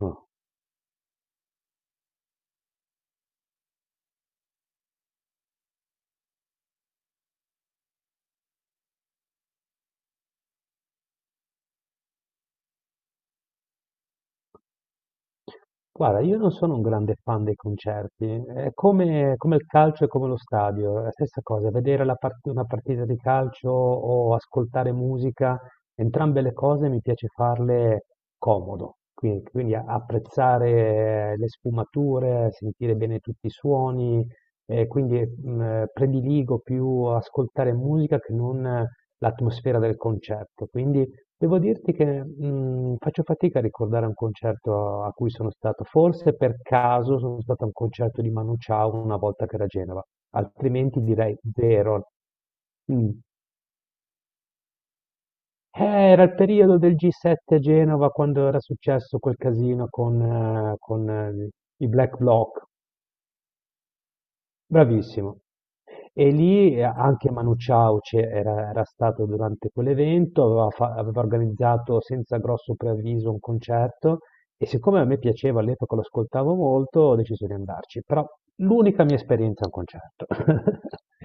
Mh. Guarda, io non sono un grande fan dei concerti, è come il calcio e come lo stadio, è la stessa cosa, vedere la part una partita di calcio o ascoltare musica, entrambe le cose mi piace farle comodo, quindi apprezzare le sfumature, sentire bene tutti i suoni. E quindi, prediligo più ascoltare musica che non l'atmosfera del concerto. Quindi devo dirti che faccio fatica a ricordare un concerto a cui sono stato. Forse per caso sono stato a un concerto di Manu Chao una volta che era a Genova, altrimenti direi zero. Mm. Eh, era il periodo del G7 a Genova quando era successo quel casino con i Black Bloc. Bravissimo. E lì anche Manu Chao c'era era era stato durante quell'evento. Aveva, aveva organizzato senza grosso preavviso un concerto, e siccome a me piaceva all'epoca, lo ascoltavo molto, ho deciso di andarci. Però l'unica mia esperienza è un concerto.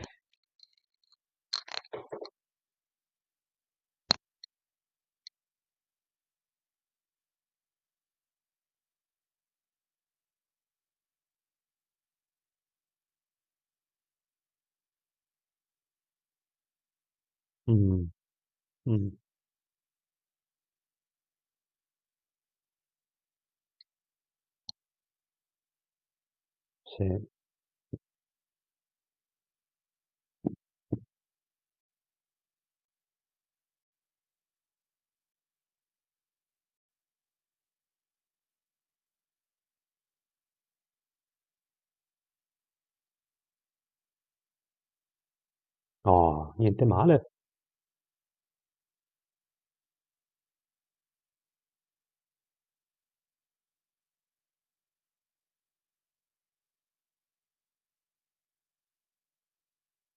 Mm, mm, sì. No, niente male.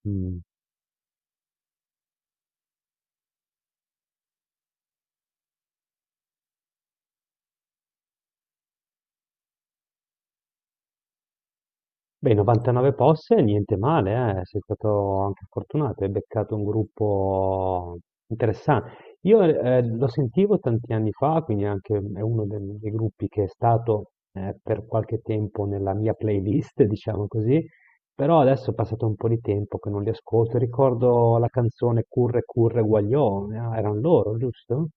Mm. Beh, 99 posse, niente male, eh. Sei stato anche fortunato, hai beccato un gruppo interessante. Io lo sentivo tanti anni fa, quindi anche è uno dei gruppi che è stato per qualche tempo nella mia playlist, diciamo così. Però adesso è passato un po' di tempo che non li ascolto. Ricordo la canzone Curre Curre Guaglione, erano loro, giusto?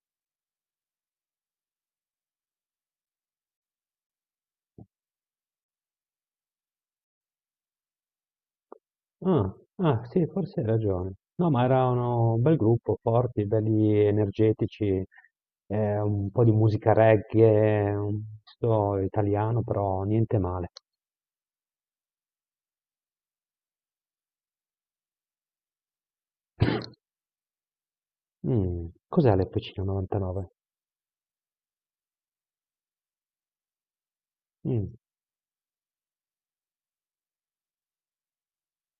Ah, ah, sì, forse hai ragione. No, ma erano un bel gruppo, forti, belli energetici, un po' di musica reggae, un misto italiano, però niente male. Mm, cos'è l'FC99? Mm.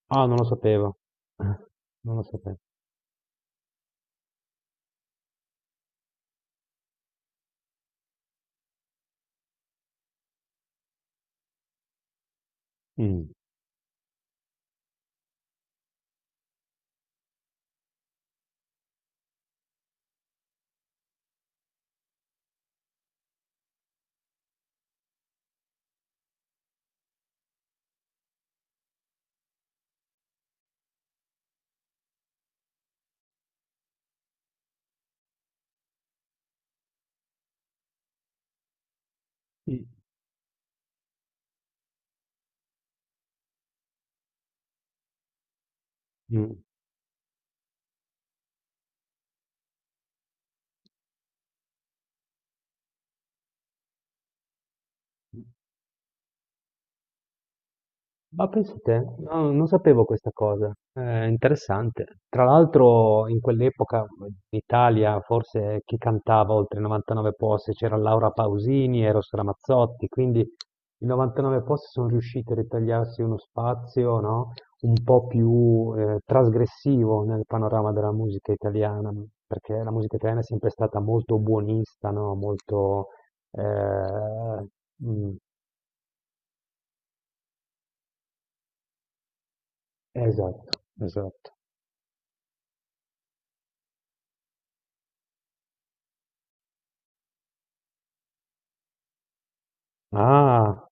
Ah, non lo sapevo. Non lo sapevo. Mm. Mm. Mm. Mm. Ma pensa te, no, non sapevo questa cosa, è interessante. Tra l'altro in quell'epoca in Italia forse chi cantava oltre i 99 posti c'era Laura Pausini, Eros Ramazzotti, quindi i 99 posti sono riusciti a ritagliarsi uno spazio, no, un po' più trasgressivo nel panorama della musica italiana, perché la musica italiana è sempre stata molto buonista, no, molto... eh, mm, esatto, esatto. Ah,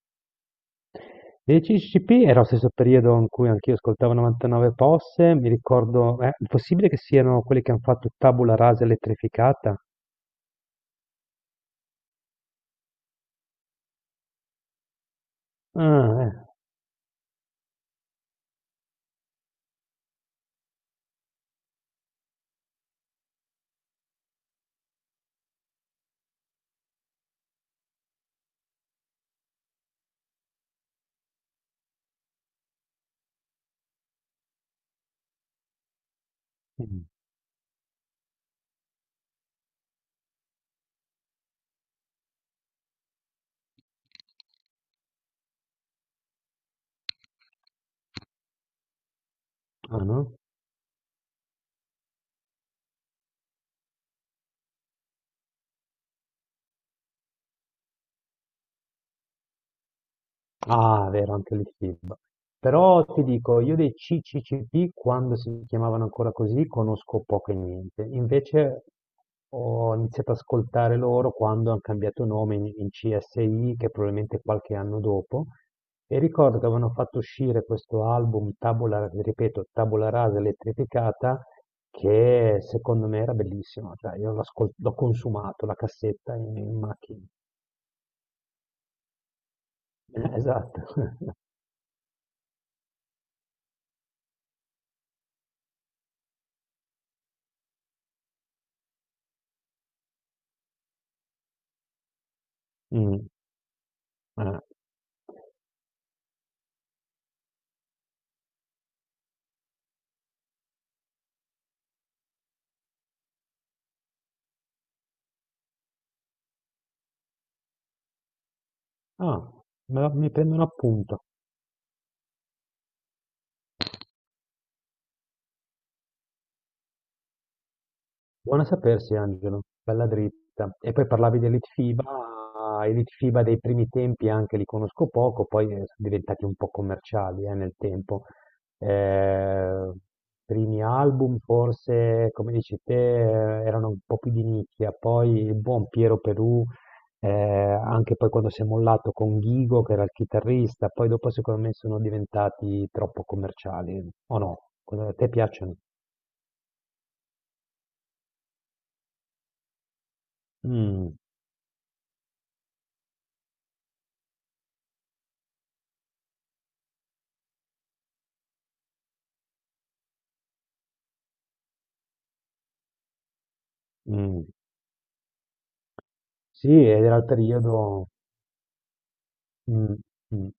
dei CCP era lo stesso periodo in cui anch'io ascoltavo 99 Posse, mi ricordo, è possibile che siano quelli che hanno fatto Tabula Rasa elettrificata? Ah, eh. Mm. Ah, no? Ah, vero, anche l'IFIB. Però ti dico, io dei CCCP, quando si chiamavano ancora così, conosco poco e niente. Invece ho iniziato ad ascoltare loro quando hanno cambiato nome in CSI, che probabilmente è qualche anno dopo. E ricordo che avevano fatto uscire questo album, Tabula, ripeto, Tabula Rasa elettrificata, che secondo me era bellissimo. Cioè, io l'ho consumato, la cassetta in macchina. Esatto. Mm, eh. Ah, mi prendo un appunto. Buona sapersi, Angelo, bella dritta. E poi parlavi dell'Elite FIBA, Elite FIBA dei primi tempi anche li conosco poco, poi sono diventati un po' commerciali nel tempo. Eh, primi album forse, come dici te, erano un po' più di nicchia, poi il buon Piero Perù, anche poi quando si è mollato con Ghigo, che era il chitarrista, poi dopo secondo me sono diventati troppo commerciali, o no? A te piacciono? Mh, mh. Sì, ed era il periodo. Mh, mh,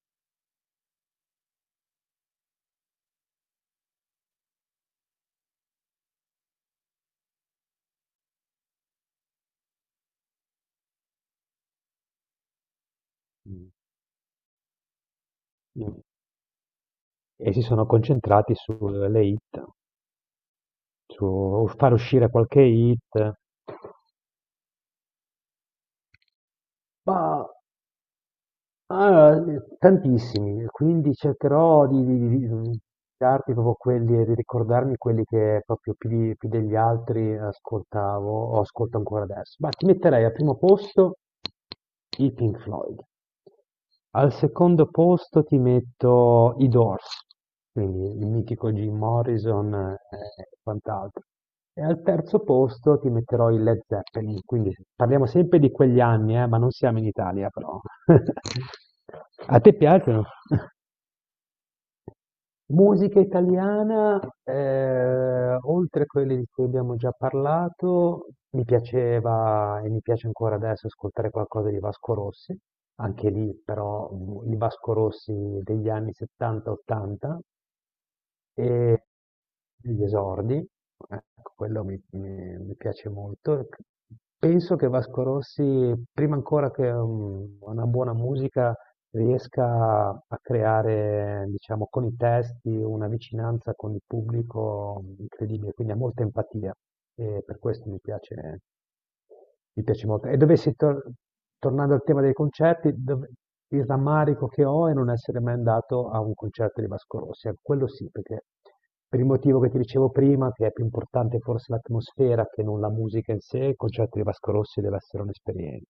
mh, mh. E si sono concentrati sulle hit, su far uscire qualche hit. Ma Ah, tantissimi, quindi cercherò di darti proprio quelli, di ricordarmi quelli che proprio più, più degli altri ascoltavo o ascolto ancora adesso. Ma ti metterei al primo posto i Pink Floyd, al secondo posto ti metto i Doors, quindi il mitico Jim Morrison e quant'altro. E al terzo posto ti metterò i Led Zeppelin, quindi parliamo sempre di quegli anni, ma non siamo in Italia però. A te piacciono? Musica italiana, oltre a quelle di cui abbiamo già parlato, mi piaceva e mi piace ancora adesso ascoltare qualcosa di Vasco Rossi, anche lì però il Vasco Rossi degli anni 70-80 e degli esordi, ecco, quello mi piace molto. Penso che Vasco Rossi, prima ancora che una buona musica, riesca a creare, diciamo, con i testi una vicinanza con il pubblico incredibile, quindi ha molta empatia e per questo mi piace molto. E tornando al tema dei concerti, il rammarico che ho è non essere mai andato a un concerto di Vasco Rossi, ecco, quello sì, perché per il motivo che ti dicevo prima, che è più importante forse l'atmosfera che non la musica in sé, il concerto di Vasco Rossi deve essere un'esperienza.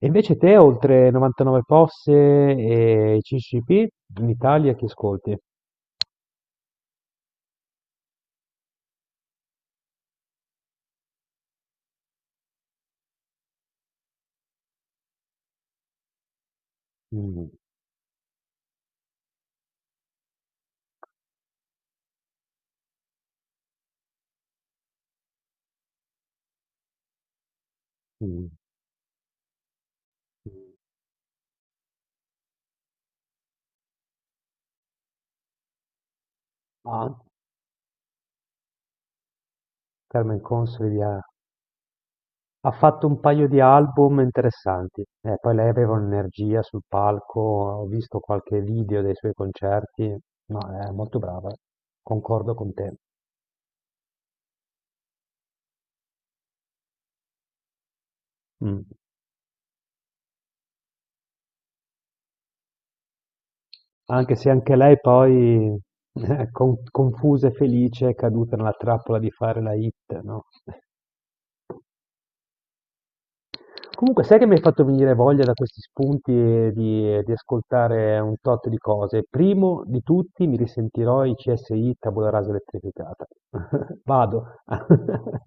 E invece te, oltre 99 Posse e CCP, in Italia chi ascolti? Mm, mm, mm. Ah, Carmen Consoli ha fatto un paio di album interessanti. Poi lei aveva un'energia sul palco, ho visto qualche video dei suoi concerti, ma è molto brava, concordo con te. Mm. Anche se anche lei poi, confusa e felice, è caduta nella trappola di fare la hit, no? Comunque, sai che mi hai fatto venire voglia da questi spunti e di ascoltare un tot di cose. Primo di tutti mi risentirò i CSI Tabula Rasa Elettrificata. Vado.